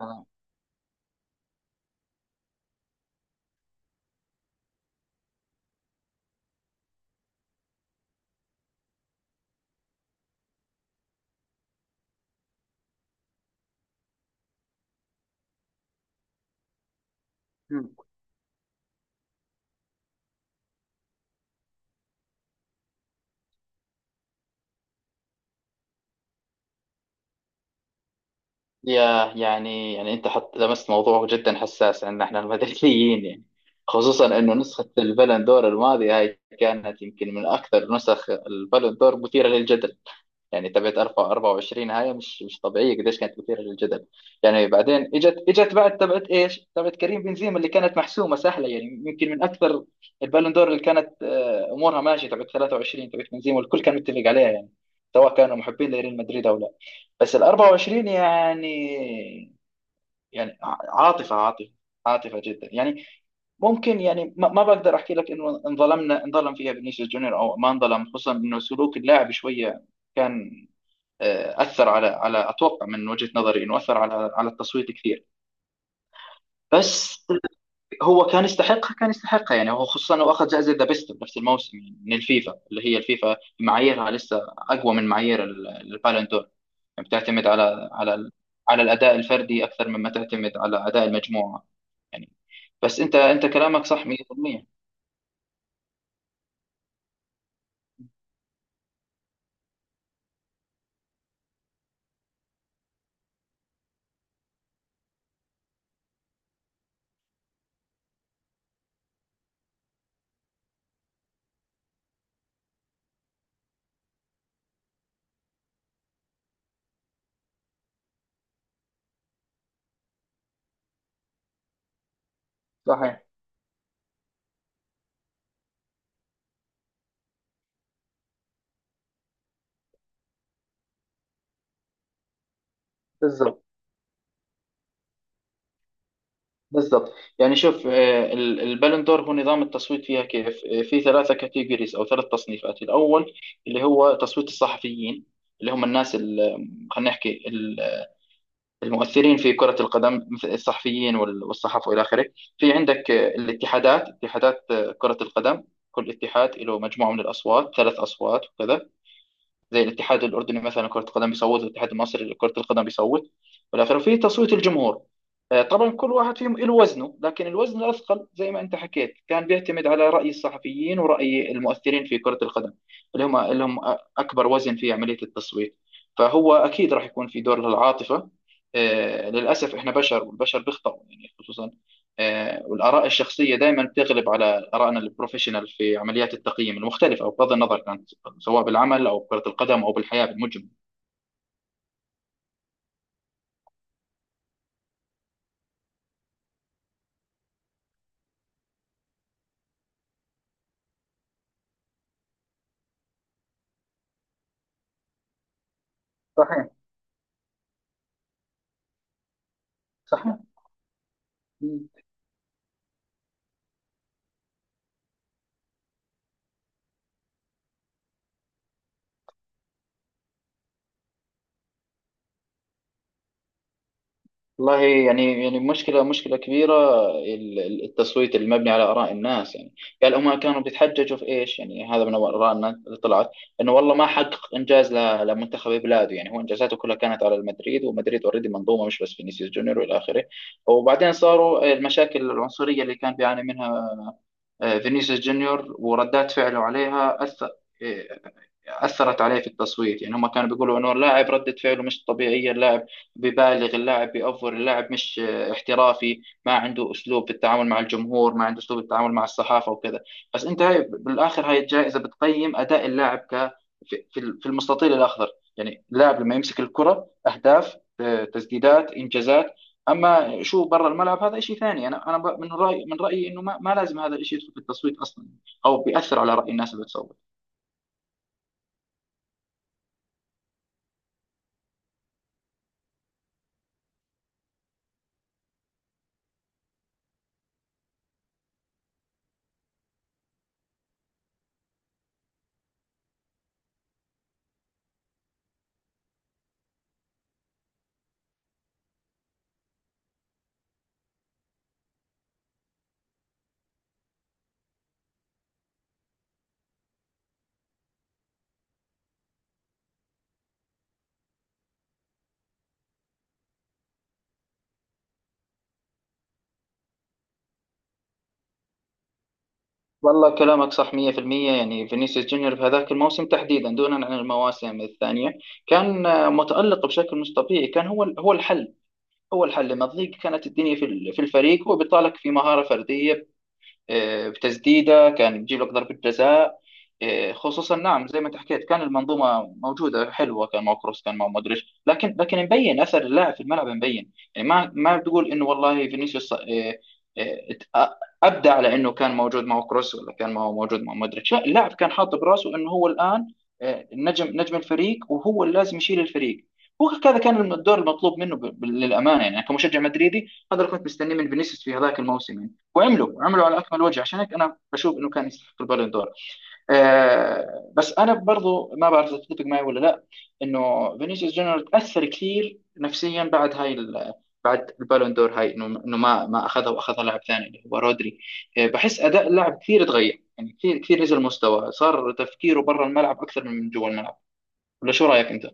آه. مم. يا يعني انت حط لمست موضوع جدا حساس عندنا احنا المدريديين، يعني خصوصا انه نسخة البالون دور الماضية هاي كانت يمكن من اكثر نسخ البالون دور مثيرة للجدل. يعني تبعت 24 هاي مش طبيعيه، قديش كانت مثيره للجدل. يعني بعدين اجت بعد تبعت ايش؟ تبعت كريم بنزيما اللي كانت محسومه سهله، يعني يمكن من اكثر البالون دور اللي كانت امورها ماشيه، تبعت 23، تبعت بنزيما والكل كان متفق عليها، يعني سواء كانوا محبين لريال مدريد او لا. بس ال 24 يعني، يعني عاطفه، عاطفه، عاطفه جدا يعني. ممكن يعني ما بقدر احكي لك انه انظلمنا انظلم فيها فينيسيوس جونيور او ما انظلم. خصوصا انه سلوك اللاعب شويه كان، اثر على اتوقع من وجهه نظري انه اثر على التصويت كثير. بس هو كان يستحقها، كان يستحقها. يعني هو خصوصا انه اخذ جائزه ذا بيست بنفس الموسم، يعني من الفيفا اللي هي الفيفا معاييرها لسه اقوى من معايير البالون دور. يعني بتعتمد على الاداء الفردي اكثر مما تعتمد على اداء المجموعه يعني. بس انت كلامك صح 100%. صحيح. بالضبط، بالضبط. يعني شوف، البالندور هو نظام التصويت فيها كيف. في ثلاثة كاتيجوريز أو ثلاث تصنيفات. الأول اللي هو تصويت الصحفيين، اللي هم الناس خلينا نحكي المؤثرين في كرة القدم مثل الصحفيين والصحف وإلى آخره. في عندك اتحادات كرة القدم. كل اتحاد له مجموعة من الأصوات، ثلاث أصوات وكذا، زي الاتحاد الأردني مثلا كرة القدم بيصوت، والاتحاد المصري لكرة القدم بيصوت. والآخر في تصويت الجمهور. طبعا كل واحد فيهم له وزنه، لكن الوزن الأثقل زي ما أنت حكيت كان بيعتمد على رأي الصحفيين ورأي المؤثرين في كرة القدم. اللي هم أكبر وزن في عملية التصويت. فهو أكيد راح يكون في دور للعاطفة. للأسف إحنا بشر والبشر بيخطئوا، يعني خصوصا. والآراء الشخصية دائما بتغلب على آرائنا البروفيشنال في عمليات التقييم المختلفة، أو بغض النظر كانت سواء بالعمل أو كرة القدم أو بالحياة بالمجمل. صحيح، صحيح. مم. والله، يعني مشكلة، مشكلة كبيرة. التصويت المبني على آراء الناس يعني. قال هم كانوا بيتحججوا في إيش؟ يعني هذا من آراء الناس اللي طلعت. إنه والله ما حقق إنجاز لمنتخب بلاده. يعني هو إنجازاته كلها كانت على المدريد، ومدريد أوريدي منظومة مش بس فينيسيوس جونيور وإلى آخره. وبعدين صاروا المشاكل العنصرية اللي كان بيعاني منها فينيسيوس جونيور، وردات فعله عليها أثر. آه، أثرت عليه في التصويت. يعني هم كانوا بيقولوا إنه اللاعب ردة فعله مش طبيعية، اللاعب ببالغ، اللاعب بيأفور، اللاعب مش احترافي، ما عنده أسلوب في التعامل مع الجمهور، ما عنده أسلوب التعامل مع الصحافة وكذا. بس أنت، هاي بالآخر هاي الجائزة بتقيم أداء اللاعب في المستطيل الأخضر. يعني اللاعب لما يمسك الكرة أهداف، تسديدات، إنجازات. أما شو برا الملعب هذا شيء ثاني. أنا، من رأيي إنه ما لازم هذا الشيء يدخل في التصويت أصلا، أو بيأثر على رأي الناس اللي بتصوت. والله كلامك صح 100%. يعني فينيسيوس جونيور في هذاك الموسم تحديدا دونا عن المواسم الثانية، كان متألق بشكل مش طبيعي. كان هو الحل. هو الحل لما تضيق كانت الدنيا في في الفريق، هو بيطالك في مهارة فردية. بتسديده كان بيجيب لك ضربه جزاء. خصوصا نعم، زي ما انت حكيت كان المنظومه موجوده حلوه، كان مع كروس، كان مع مودريتش، لكن مبين اثر اللاعب في الملعب مبين. يعني ما بتقول انه والله فينيسيوس آه، ات- ابدع على انه كان موجود مع كروس، ولا كان ما هو موجود مع مودريتش. لا، اللاعب كان حاط براسه انه هو الان نجم الفريق وهو اللي لازم يشيل الفريق. هو هكذا كان الدور المطلوب منه، للامانه. يعني أنا كمشجع مدريدي هذا اللي كنت مستنيه من فينيسيوس في هذاك الموسم، يعني وعملوا على اكمل وجه. عشان هيك انا بشوف انه كان يستحق البالون دور. بس انا برضو ما بعرف اذا تتفق معي ولا لا، انه فينيسيوس جونيور تاثر كثير نفسيا بعد هاي بعد البالون دور هاي، انه ما اخذها واخذها لاعب ثاني اللي هو رودري. بحس اداء اللاعب كثير تغير، يعني كثير كثير نزل مستوى، صار تفكيره برا الملعب اكثر من جوا الملعب. ولا شو رايك انت؟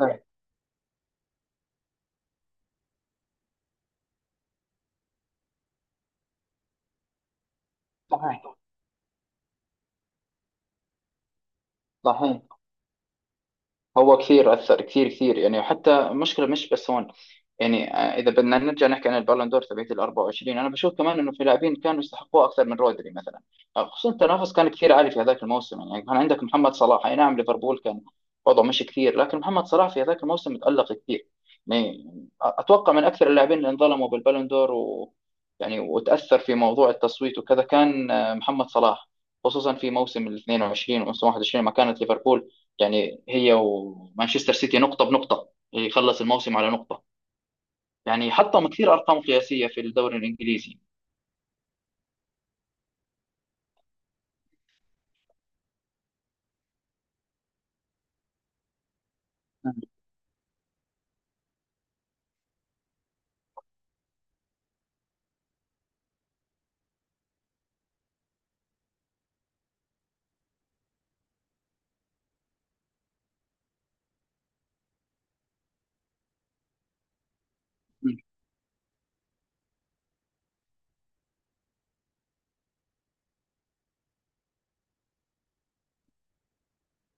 صحيح، صحيح. صحيح. هو كثير أثر، كثير كثير. يعني حتى المشكلة مش بس هون. يعني إذا بدنا نرجع نحكي عن البالون دور تبعت ال 24، أنا بشوف كمان إنه في لاعبين كانوا يستحقوها أكثر من رودري مثلا. خصوصا التنافس كان كثير عالي في هذاك الموسم. يعني كان عندك محمد صلاح، أي نعم ليفربول كان وضعه مش كثير، لكن محمد صلاح في هذاك الموسم تألق كثير. يعني أتوقع من أكثر اللاعبين اللي انظلموا بالبالون دور، و، يعني وتأثر في موضوع التصويت وكذا، كان محمد صلاح. خصوصا في موسم ال 22 وموسم 21 ما كانت ليفربول، يعني هي ومانشستر سيتي نقطة بنقطة، يخلص الموسم على نقطة. يعني حطم كثير أرقام قياسية في الدوري الإنجليزي.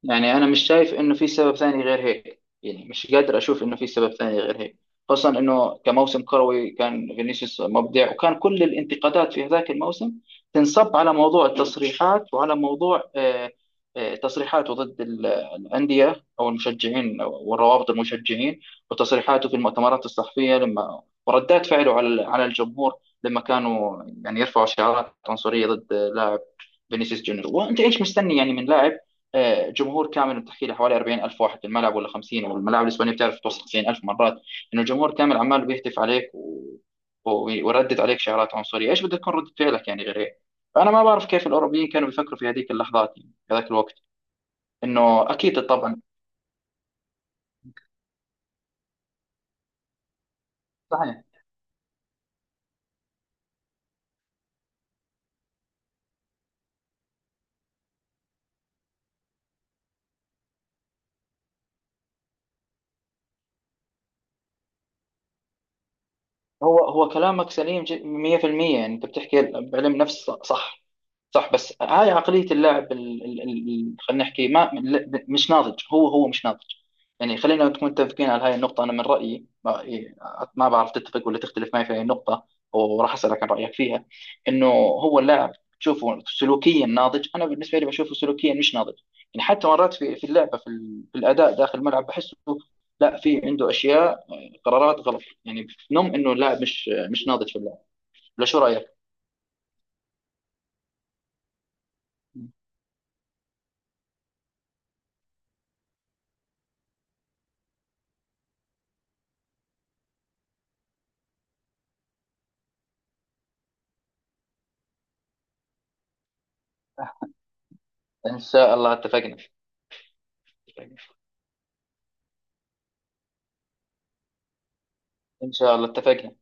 يعني انا مش شايف انه في سبب ثاني غير هيك. يعني مش قادر اشوف انه في سبب ثاني غير هيك. خاصة انه كموسم كروي كان فينيسيوس مبدع، وكان كل الانتقادات في هذاك الموسم تنصب على موضوع التصريحات وعلى موضوع تصريحاته ضد الأندية أو المشجعين، والروابط المشجعين، وتصريحاته في المؤتمرات الصحفية، لما وردات فعله على الجمهور لما كانوا يعني يرفعوا شعارات عنصرية ضد لاعب، فينيسيوس جونيور. وانت ايش مستني يعني من لاعب؟ جمهور كامل بتحكي له حوالي 40,000 واحد في الملعب ولا 50، والملاعب الاسبانيه بتعرف توصل 90,000 مرات، انه الجمهور كامل عمال بيهتف عليك و... وردت عليك شعارات عنصريه، ايش بدها تكون رده فعلك يعني غير هيك؟ فانا ما بعرف كيف الاوروبيين كانوا بيفكروا في هذيك اللحظات، يعني في هذاك الوقت، انه اكيد طبعا. صحيح. هو كلامك سليم 100%. يعني انت بتحكي بعلم نفس صح. صح. بس هاي عقلية اللاعب خلينا نحكي ما لا- مش ناضج. هو مش ناضج. يعني خلينا نكون متفقين على هاي النقطة. أنا من رأيي ما بعرف تتفق ولا تختلف معي في هاي النقطة، وراح أسألك عن رأيك فيها. إنه هو اللاعب تشوفه سلوكيا ناضج؟ أنا بالنسبة لي بشوفه سلوكيا مش ناضج. يعني حتى مرات في اللعبة، في الأداء داخل الملعب بحسه لا، في عنده أشياء، قرارات غلط. يعني نم إنه اللاعب مش ناضج في اللعب. ولا شو رأيك؟ إن شاء الله اتفقنا. إن شاء الله اتفقنا.